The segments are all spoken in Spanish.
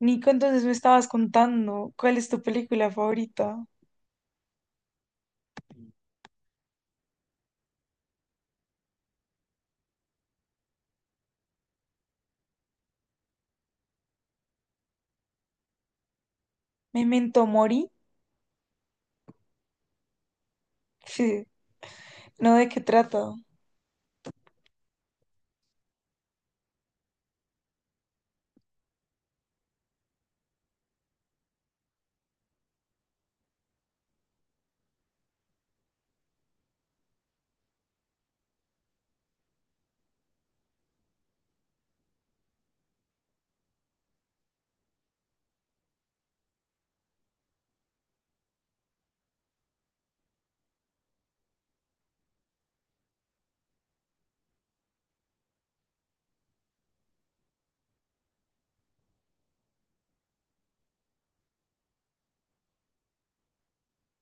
Nico, entonces me estabas contando cuál es tu película favorita. ¿Memento Mori? ¿No, de qué trata?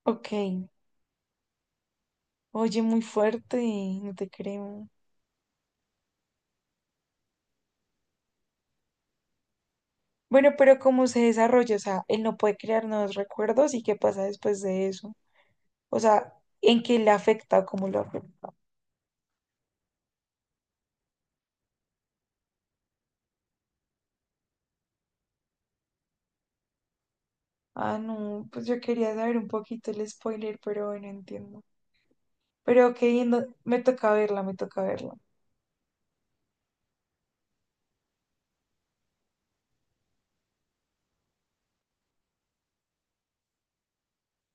Ok. Oye, muy fuerte, no te creo. Bueno, pero ¿cómo se desarrolla? O sea, él no puede crear nuevos recuerdos y qué pasa después de eso. O sea, ¿en qué le afecta o cómo lo afecta? Ah, no, pues yo quería saber un poquito el spoiler, pero bueno, entiendo. Pero ok, me toca verla, me toca verla.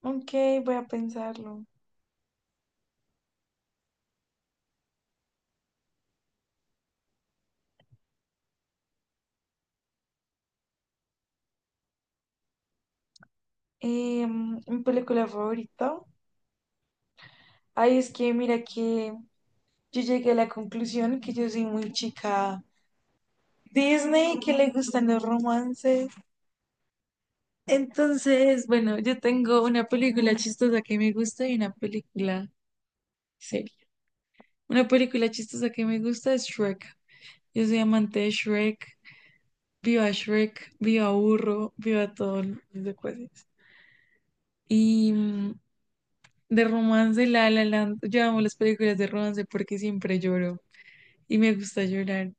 Ok, voy a pensarlo. Mi película favorita. Ay, es que mira que yo llegué a la conclusión que yo soy muy chica Disney, que le gustan los romances. Entonces, bueno, yo tengo una película chistosa que me gusta y una película seria. Una película chistosa que me gusta es Shrek. Yo soy amante de Shrek. Viva Shrek, viva Burro, viva todos los secuaces. Y de romance, La La Land. Yo amo las películas de romance porque siempre lloro. Y me gusta llorar.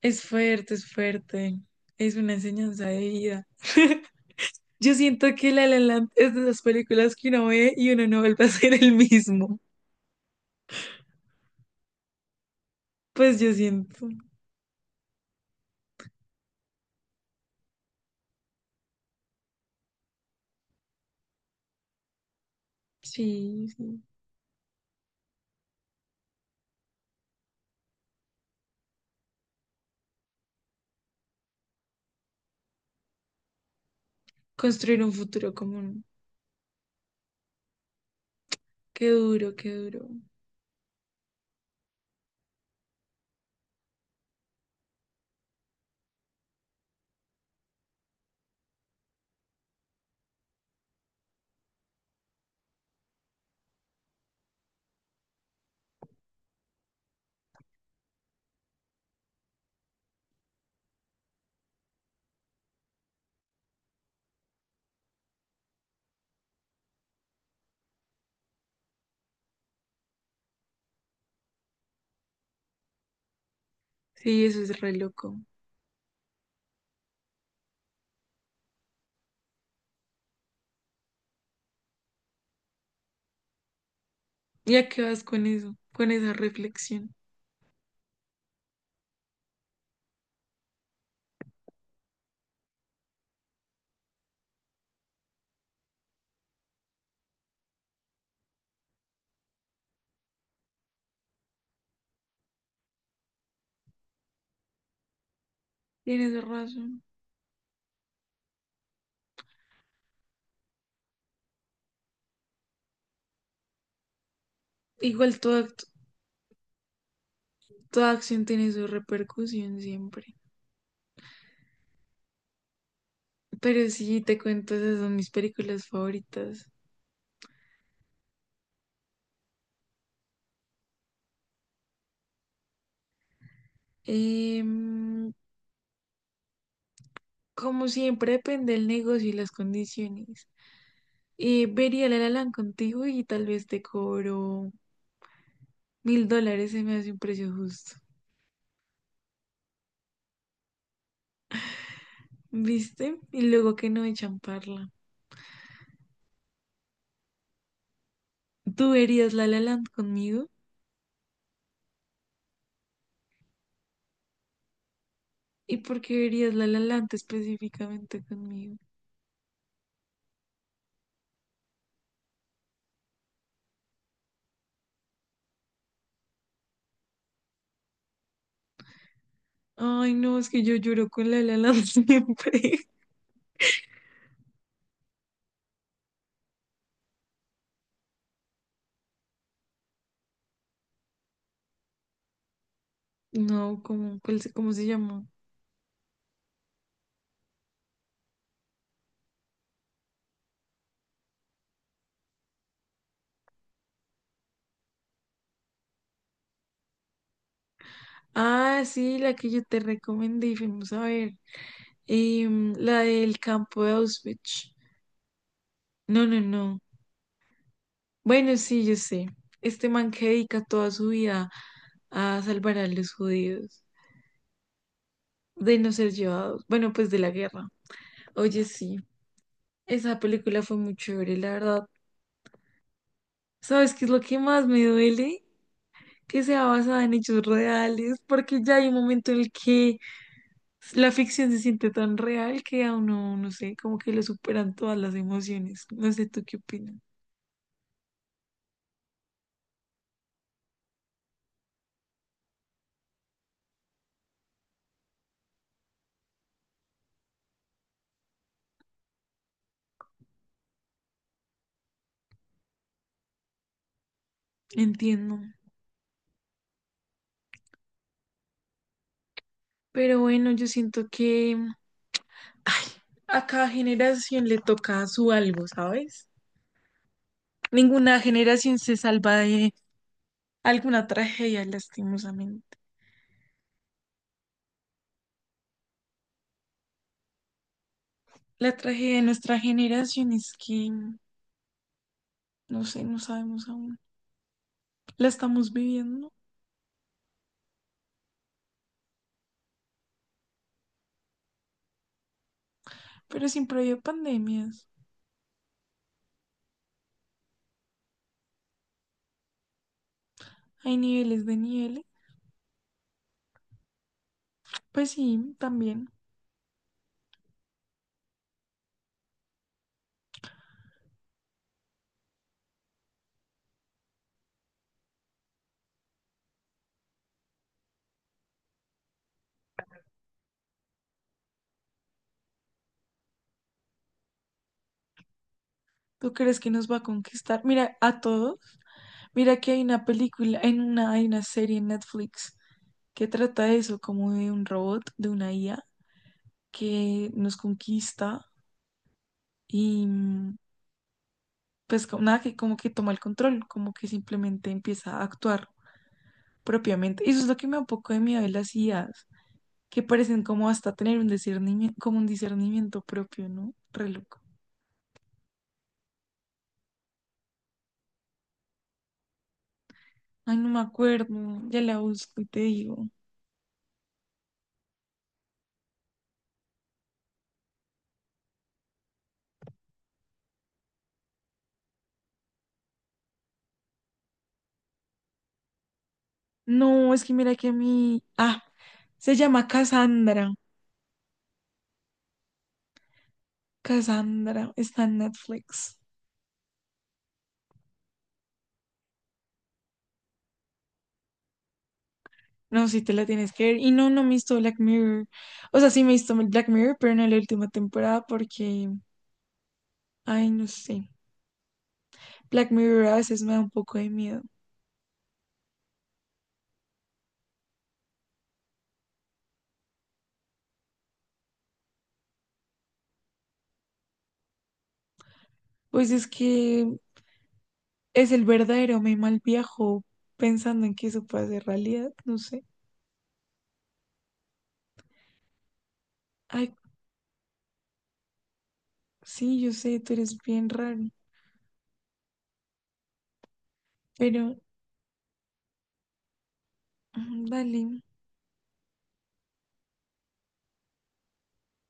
Es fuerte, es fuerte. Es una enseñanza de vida. Yo siento que La La Land es de esas películas que uno ve y uno no vuelve a ser el mismo. Pues yo siento. Sí, sí. Construir un futuro común. Qué duro, qué duro. Sí, eso es re loco. ¿Y a qué vas con eso? Con esa reflexión. Tienes razón. Igual toda, act- Toda acción tiene su repercusión siempre. Pero sí, te cuento, esas son mis películas favoritas. Em, Como siempre, depende del negocio y las condiciones. Vería la La Land contigo y tal vez te cobro $1000, se me hace un precio justo. ¿Viste? Y luego que no echan parla. ¿Tú verías la La Land conmigo? ¿Y por qué verías la La Land específicamente conmigo? Ay, no, es que yo lloro con la La Land siempre. No, ¿cómo, cómo se llamó? Ah, sí, la que yo te recomendé y fuimos a ver. Em, la del campo de Auschwitz. No, no, no. Bueno, sí, yo sé. Este man que dedica toda su vida a salvar a los judíos de no ser llevados, bueno, pues de la guerra. Oye, sí, esa película fue muy chévere, la verdad. ¿Sabes qué es lo que más me duele? Que sea basada en hechos reales, porque ya hay un momento en el que la ficción se siente tan real que a uno, no sé, como que le superan todas las emociones. No sé, ¿tú qué opinas? Entiendo. Pero bueno, yo siento que ay, a cada generación le toca su algo, ¿sabes? Ninguna generación se salva de alguna tragedia, lastimosamente. La tragedia de nuestra generación es que, no sé, no sabemos aún. La estamos viviendo, pero siempre hay pandemias. Hay niveles de niveles. Pues sí, también. ¿Tú crees que nos va a conquistar? Mira, a todos. Mira que hay una película, hay una serie en Netflix que trata de eso, como de un robot, de una IA que nos conquista y pues nada, que como que toma el control, como que simplemente empieza a actuar propiamente. Y eso es lo que me da un poco de miedo de las IAs, que parecen como hasta tener un discernimiento, como un discernimiento propio, ¿no? Re loco. Ay, no me acuerdo, ya la busco y te digo. No, es que mira que a mí, ah, se llama Cassandra. Cassandra está en Netflix. No, si te la tienes que ver. Y no, no me he visto Black Mirror. O sea, sí me he visto Black Mirror, pero no la última temporada porque, ay, no sé. Black Mirror a veces me da un poco de miedo. Pues es que es el verdadero me mal viajo pensando en que eso puede ser realidad, no sé. Ay, sí, yo sé, tú eres bien raro, pero dale.